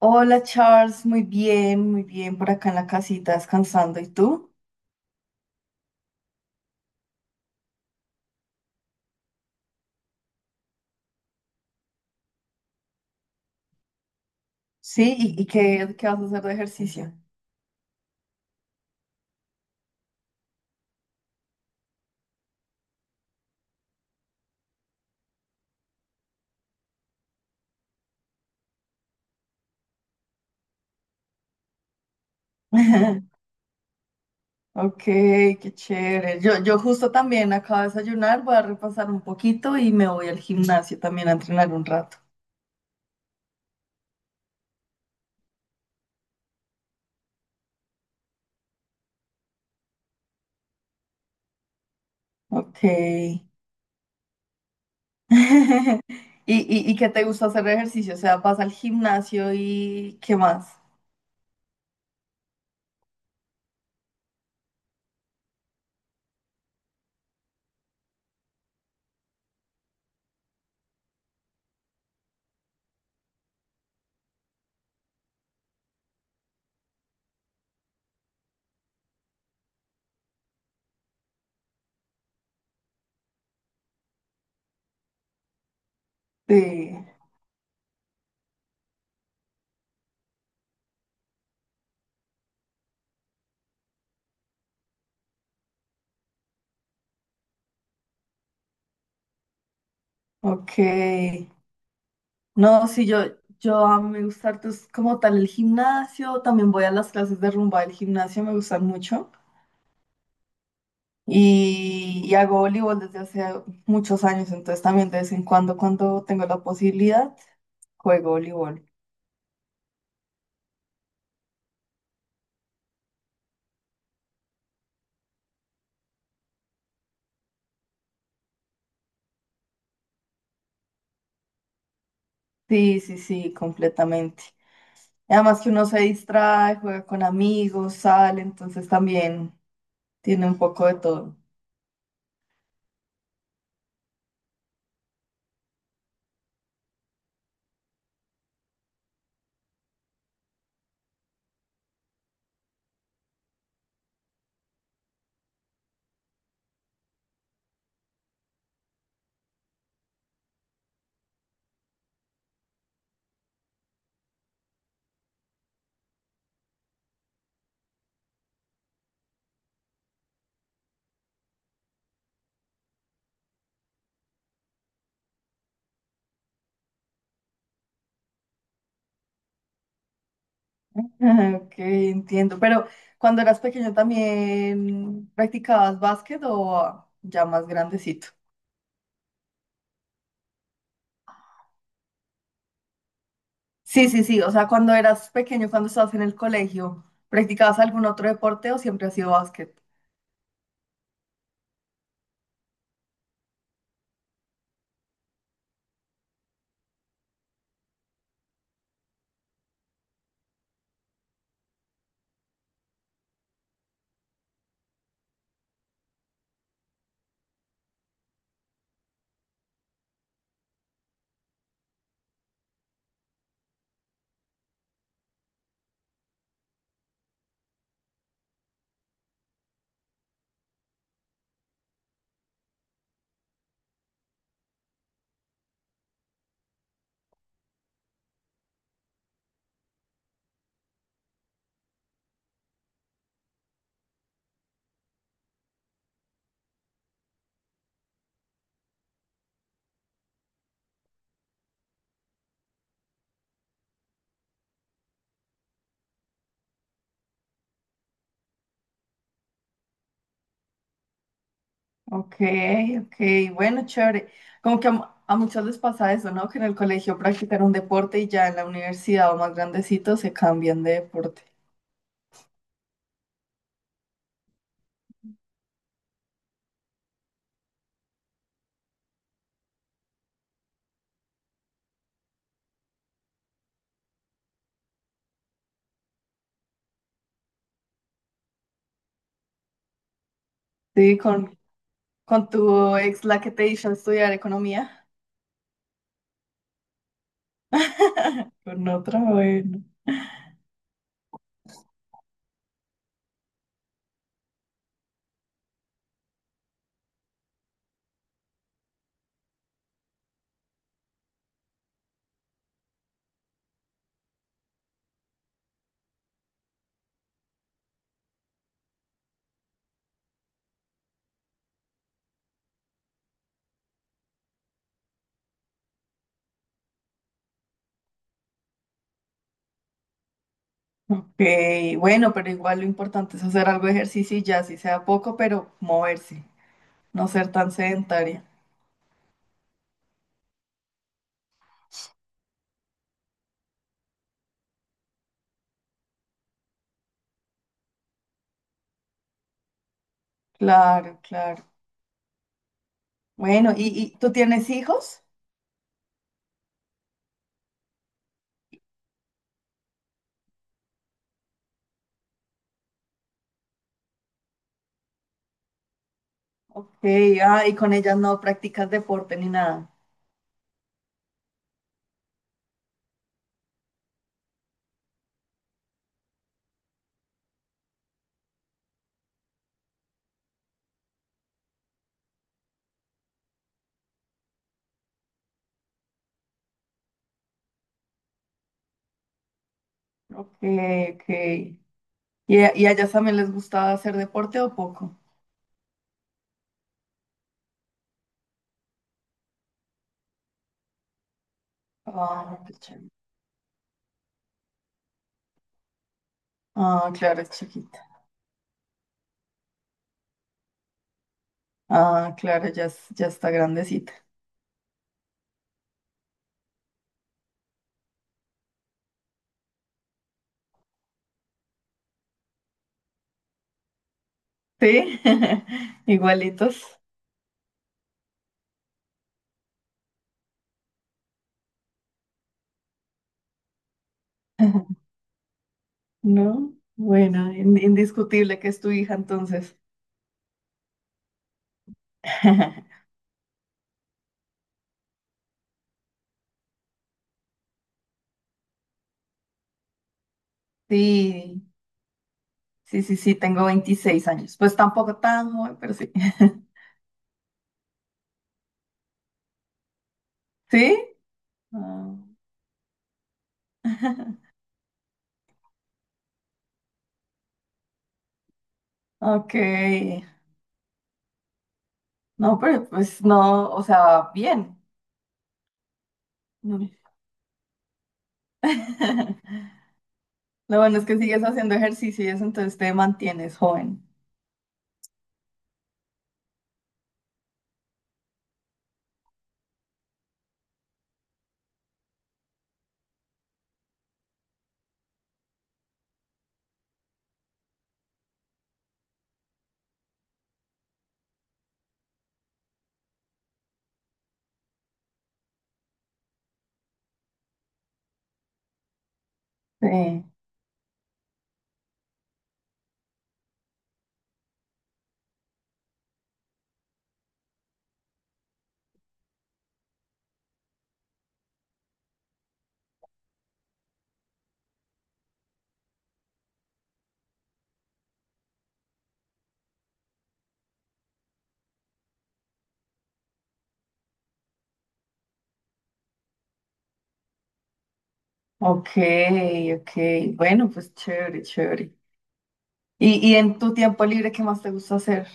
Hola Charles, muy bien por acá en la casita descansando. ¿Y tú? Sí, ¿y, qué vas a hacer de ejercicio? Ok, qué chévere. Yo justo también acabo de desayunar, voy a repasar un poquito y me voy al gimnasio también a entrenar un rato. Ok. ¿Y, y qué te gusta hacer de ejercicio? O sea, ¿vas al gimnasio y qué más? Sí, ok. No, sí, yo a mí me gusta harto, es como tal el gimnasio, también voy a las clases de rumba del gimnasio, me gustan mucho. Y hago voleibol desde hace muchos años, entonces también de vez en cuando, cuando tengo la posibilidad, juego voleibol. Sí, sí, sí, completamente. Y además que uno se distrae, juega con amigos, sale, entonces también tiene un poco de todo. Ah, ok, entiendo. Pero ¿cuando eras pequeño también practicabas básquet o ya más grandecito? Sí, sí, sí. O sea, cuando eras pequeño, cuando estabas en el colegio, ¿practicabas algún otro deporte o siempre ha sido básquet? Ok, ok. Bueno, chévere. Como que a, a muchos les pasa eso, ¿no? Que en el colegio practican un deporte y ya en la universidad o más grandecito se cambian de deporte. Sí, con tu ex, la que te hizo estudiar economía, con otra, bueno. Ok, bueno, pero igual lo importante es hacer algo de ejercicio y ya, si sea poco, pero moverse, no ser tan sedentaria. Claro, claro. Bueno, y tú tienes hijos? Ok, ah, y con ellas no practicas deporte ni nada. Ok, ok. Y a ellas también les gusta hacer deporte o poco? Ah, qué chévere. Ah, claro, es chiquita. Ah, claro, ya, ya está grandecita. ¿Sí? Igualitos. ¿No? Bueno, indiscutible que es tu hija entonces. Sí, sí, sí, sí, tengo 26 años. Pues tampoco tan joven, pero sí. ¿Sí? Ah, ok. No, pero pues no, o sea, bien. Mm. Lo bueno es que sigues haciendo ejercicio y eso, entonces te mantienes joven. Sí. Ok, ok. Bueno, pues chévere, chévere. Y en tu tiempo libre qué más te gusta hacer?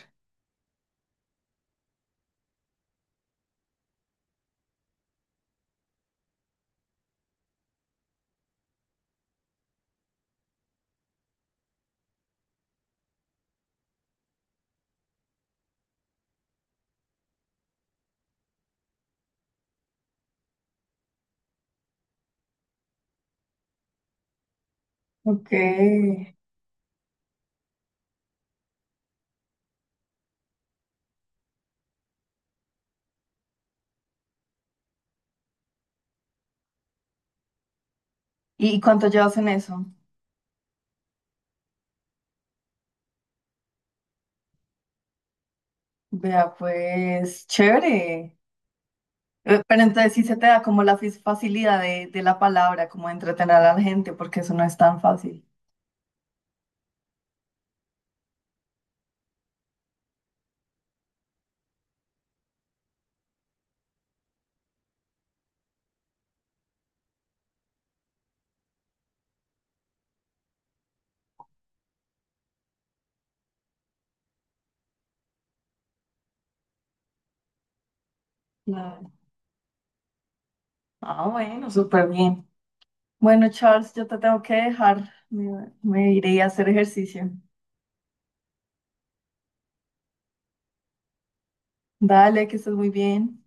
Ok. ¿Y cuánto llevas en eso? Vea, pues chévere. Pero entonces sí se te da como la facilidad de la palabra, como de entretener a la gente, porque eso no es tan fácil. Claro. Ah, bueno, súper bien. Bueno, Charles, yo te tengo que dejar. Me iré a hacer ejercicio. Dale, que estés muy bien.